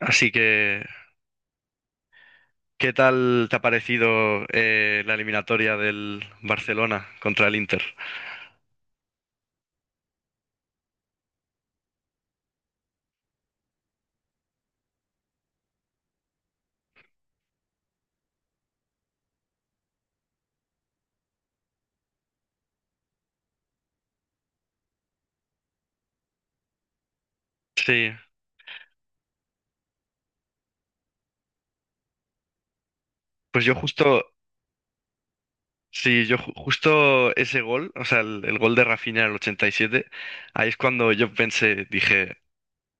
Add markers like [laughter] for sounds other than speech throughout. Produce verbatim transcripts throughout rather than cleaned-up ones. Así que, ¿qué tal te ha parecido eh, la eliminatoria del Barcelona contra el Inter? Sí, pues yo justo, sí, yo ju- justo ese gol, o sea, el, el gol de Rafinha en el ochenta y siete, ahí es cuando yo pensé, dije,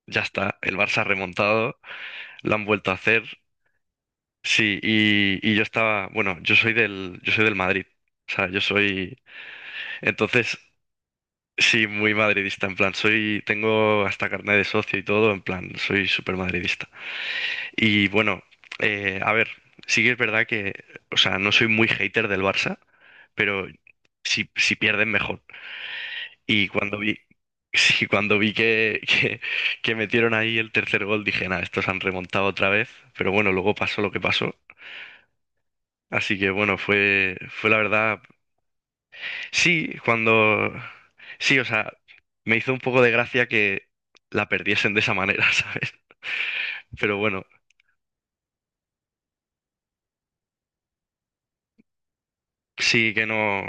ya está, el Barça ha remontado, lo han vuelto a hacer, sí, y, y yo estaba, bueno, yo soy del, yo soy del Madrid, o sea, yo soy, entonces, sí, muy madridista, en plan, soy, tengo hasta carnet de socio y todo, en plan, soy súper madridista. Y bueno, eh, a ver, sí que es verdad que, o sea, no soy muy hater del Barça, pero si, si pierden mejor. Y cuando vi, [laughs] sí, cuando vi que, que, que metieron ahí el tercer gol, dije, nada, estos han remontado otra vez. Pero bueno, luego pasó lo que pasó. Así que bueno, fue, fue la verdad. Sí, cuando. Sí, o sea, me hizo un poco de gracia que la perdiesen de esa manera, [laughs] ¿sabes? Pero bueno, sí que no.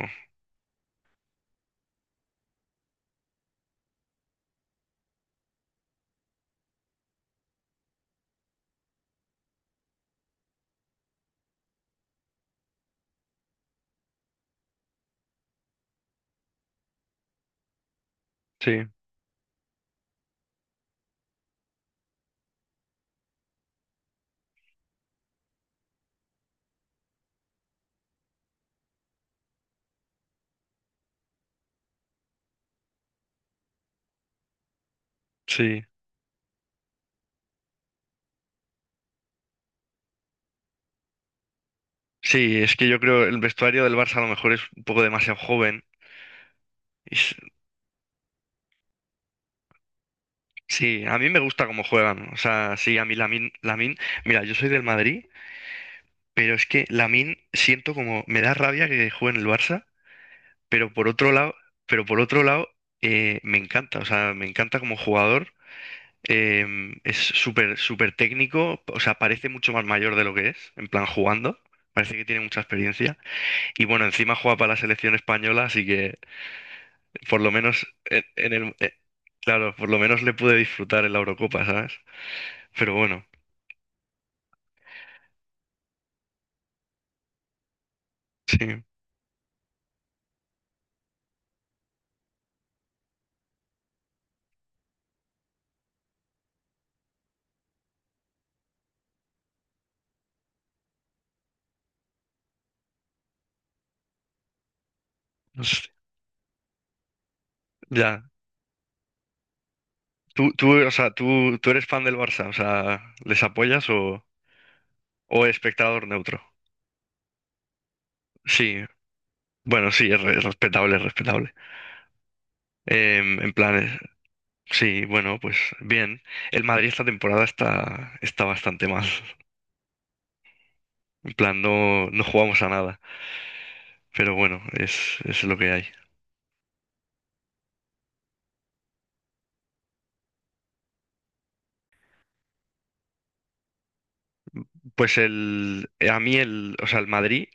Sí, sí. Sí, es que yo creo el vestuario del Barça a lo mejor es un poco demasiado joven. Y s- Sí, a mí me gusta cómo juegan. O sea, sí, a mí Lamin, Lamin, mira, yo soy del Madrid, pero es que Lamin siento como me da rabia que juegue en el Barça, pero por otro lado, pero por otro lado eh, me encanta. O sea, me encanta como jugador. Em, es súper súper técnico. O sea, parece mucho más mayor de lo que es, en plan jugando. Parece que tiene mucha experiencia. Y bueno, encima juega para la selección española, así que por lo menos en, en el, claro, por lo menos le pude disfrutar en la Eurocopa, ¿sabes? Pero bueno, sí, pues, ya. Tú, tú, o sea, tú, tú eres fan del Barça, o sea, ¿les apoyas o, o espectador neutro? Sí, bueno, sí, es, re- es respetable, es respetable. Em, en plan, eh, sí, bueno, pues bien. El Madrid esta temporada está, está bastante mal. En plan, no, no jugamos a nada. Pero bueno, es, es lo que hay. Pues el, a mí el, o sea, el Madrid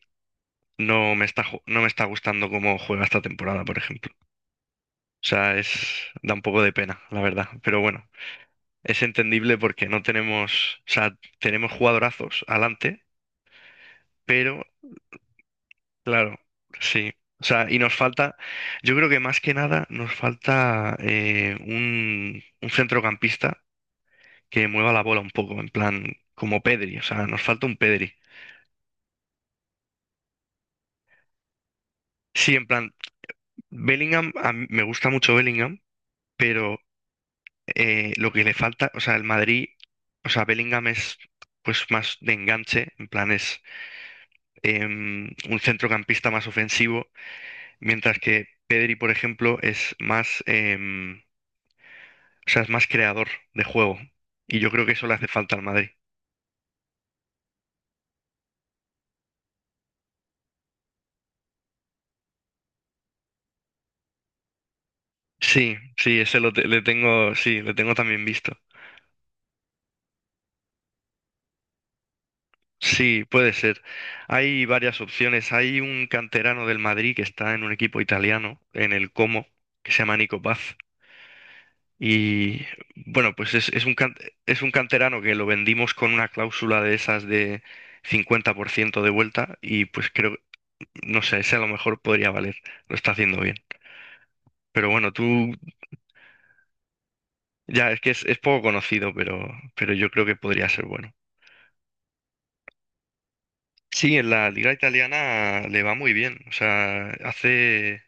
no me está, ju- no me está gustando cómo juega esta temporada, por ejemplo. O sea, es, da un poco de pena, la verdad. Pero bueno, es entendible porque no tenemos, o sea, tenemos jugadorazos adelante, pero claro, sí. O sea, y nos falta, yo creo que más que nada nos falta eh, un, un centrocampista que mueva la bola un poco, en plan, como Pedri, o sea, nos falta un Pedri. Sí, en plan, Bellingham, a mí me gusta mucho Bellingham, pero eh, lo que le falta, o sea, el Madrid, o sea, Bellingham es pues más de enganche, en plan es em, un centrocampista más ofensivo, mientras que Pedri, por ejemplo, es más, em, o sea, es más creador de juego. Y yo creo que eso le hace falta al Madrid. Sí, sí, ese lo te- le tengo, sí, le tengo también visto. Sí, puede ser. Hay varias opciones. Hay un canterano del Madrid que está en un equipo italiano, en el Como, que se llama Nico Paz. Y bueno, pues es, es un can- es un canterano que lo vendimos con una cláusula de esas de cincuenta por ciento de vuelta y pues creo, no sé, ese a lo mejor podría valer, lo está haciendo bien. Pero bueno, tú ya es que es, es poco conocido, pero, pero yo creo que podría ser bueno. Sí, en la liga italiana le va muy bien. O sea, hace,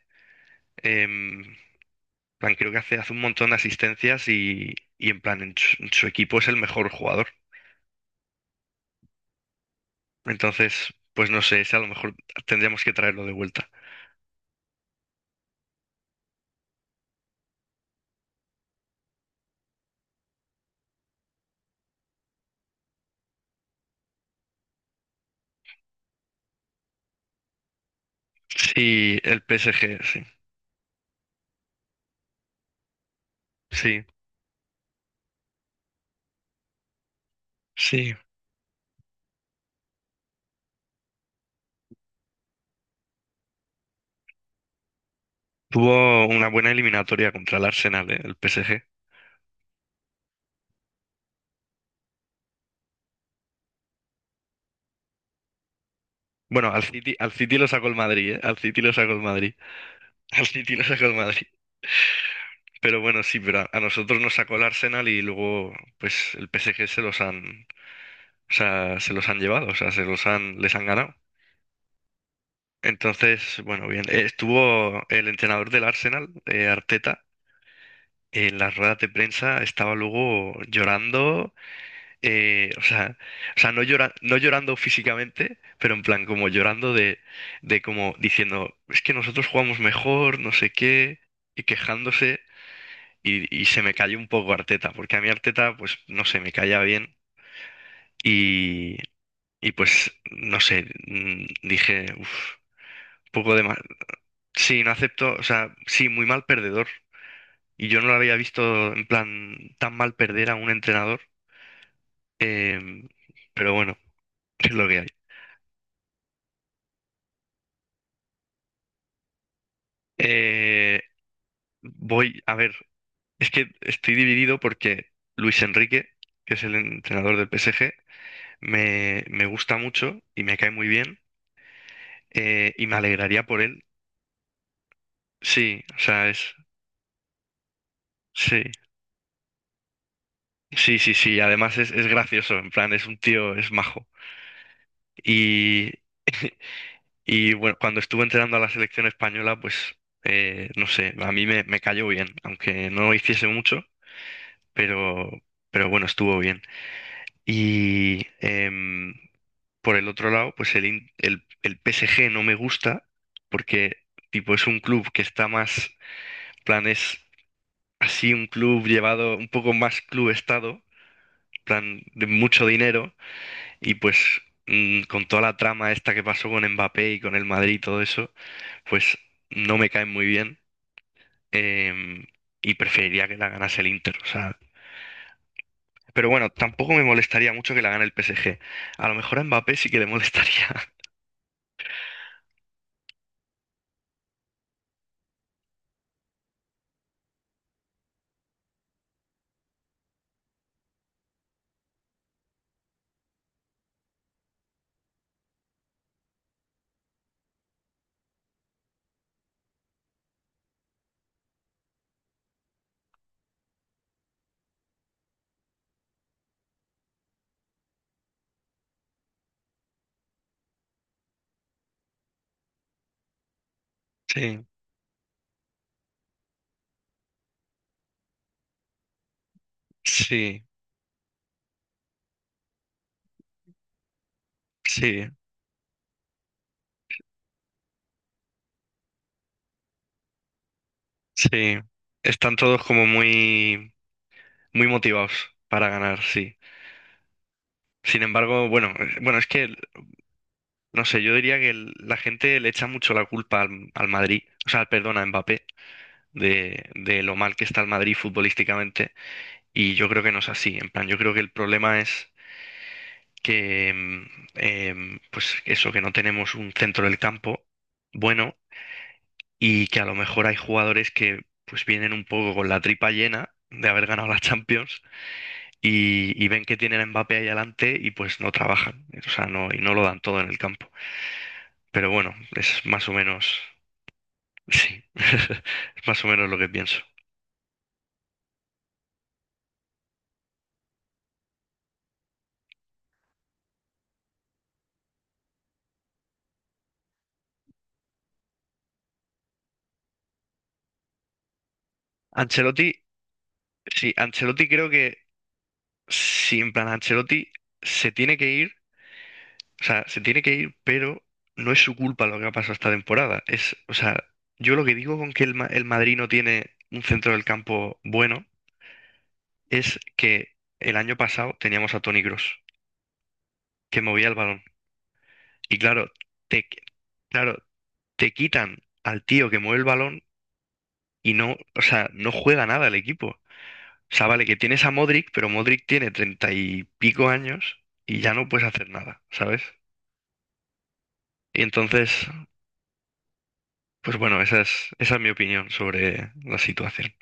em, en plan, creo que hace, hace un montón de asistencias y, y en plan, en su en su equipo es el mejor jugador. Entonces, pues no sé, ese a lo mejor tendríamos que traerlo de vuelta. Sí, el P S G, sí. Sí, sí. Tuvo una buena eliminatoria contra el Arsenal, ¿eh? El P S G. Bueno, al City, al City lo sacó el Madrid, ¿eh? Al City lo sacó el Madrid. [laughs] Al City lo sacó el Madrid. Pero bueno, sí, pero a, a nosotros nos sacó el Arsenal y luego, pues, el P S G se los han, o sea, se los han llevado, o sea, se los han, les han ganado. Entonces, bueno, bien. Eh, Estuvo el entrenador del Arsenal, eh, Arteta en las ruedas de prensa estaba luego llorando, eh, o sea, o sea, no llora, no llorando físicamente, pero en plan como llorando de, de como diciendo, es que nosotros jugamos mejor, no sé qué, y quejándose, y, y se me cayó un poco Arteta, porque a mí Arteta, pues, no sé, me caía bien, y, y pues, no sé, mm, dije, uff, poco de mal, sí, no acepto, o sea, sí, muy mal perdedor. Y yo no lo había visto en plan tan mal perder a un entrenador. Em, pero bueno, [laughs] es lo que hay. Eh, voy a ver, es que estoy dividido porque Luis Enrique, que es el entrenador del P S G, me, me gusta mucho y me cae muy bien eh, y me alegraría por él. Sí, o sea, es... Sí, sí, sí, sí. Además es, es gracioso, en plan, es un tío, es majo. Y, [laughs] y bueno, cuando estuve entrenando a la selección española, pues, eh, no sé, a mí me, me cayó bien, aunque no hiciese mucho. pero, pero bueno, estuvo bien. Y em, por el otro lado, pues el, In- el, el P S G no me gusta porque tipo es un club que está más, plan, es así un club llevado un poco más club estado, plan, de mucho dinero y pues mm, con toda la trama esta que pasó con Mbappé y con el Madrid y todo eso, pues no me caen muy bien. Em, y preferiría que la ganase el Inter, o sea, pero bueno, tampoco me molestaría mucho que la gane el P S G. A lo mejor a Mbappé sí que le molestaría. [laughs] Sí, sí, sí, sí. Están todos como muy, muy motivados para ganar, sí. Sin embargo, bueno, eh, bueno, es que, no sé, yo diría que el- la gente le echa mucho la culpa al, al Madrid, o sea, perdón, a Mbappé, de, de lo mal que está el Madrid futbolísticamente. Y yo creo que no es así. En plan, yo creo que el problema es que mm, em, pues eso, que no tenemos un centro del campo bueno y que a lo mejor hay jugadores que pues vienen un poco con la tripa llena de haber ganado la Champions y, y ven que tienen a Mbappé ahí adelante y pues no trabajan, o sea, no, y no lo dan todo en el campo. Pero bueno, es más o menos, sí, [laughs] es más o menos lo que pienso. Ancelotti, sí, Ancelotti creo que, sí, en plan, Ancelotti se tiene que ir. O sea, se tiene que ir, pero no es su culpa lo que ha pasado esta temporada. Es, o sea, yo lo que digo con que el, Ma- el Madrid no tiene un centro del campo bueno es que el año pasado teníamos a Toni Kroos, que movía el balón. Y claro, te, claro, te quitan al tío que mueve el balón y no, o sea, no juega nada el equipo. O sea, vale, que tienes a Modric, pero Modric tiene treinta y pico años y ya no puedes hacer nada, ¿sabes? Y entonces pues bueno, esa es, esa es mi opinión sobre la situación.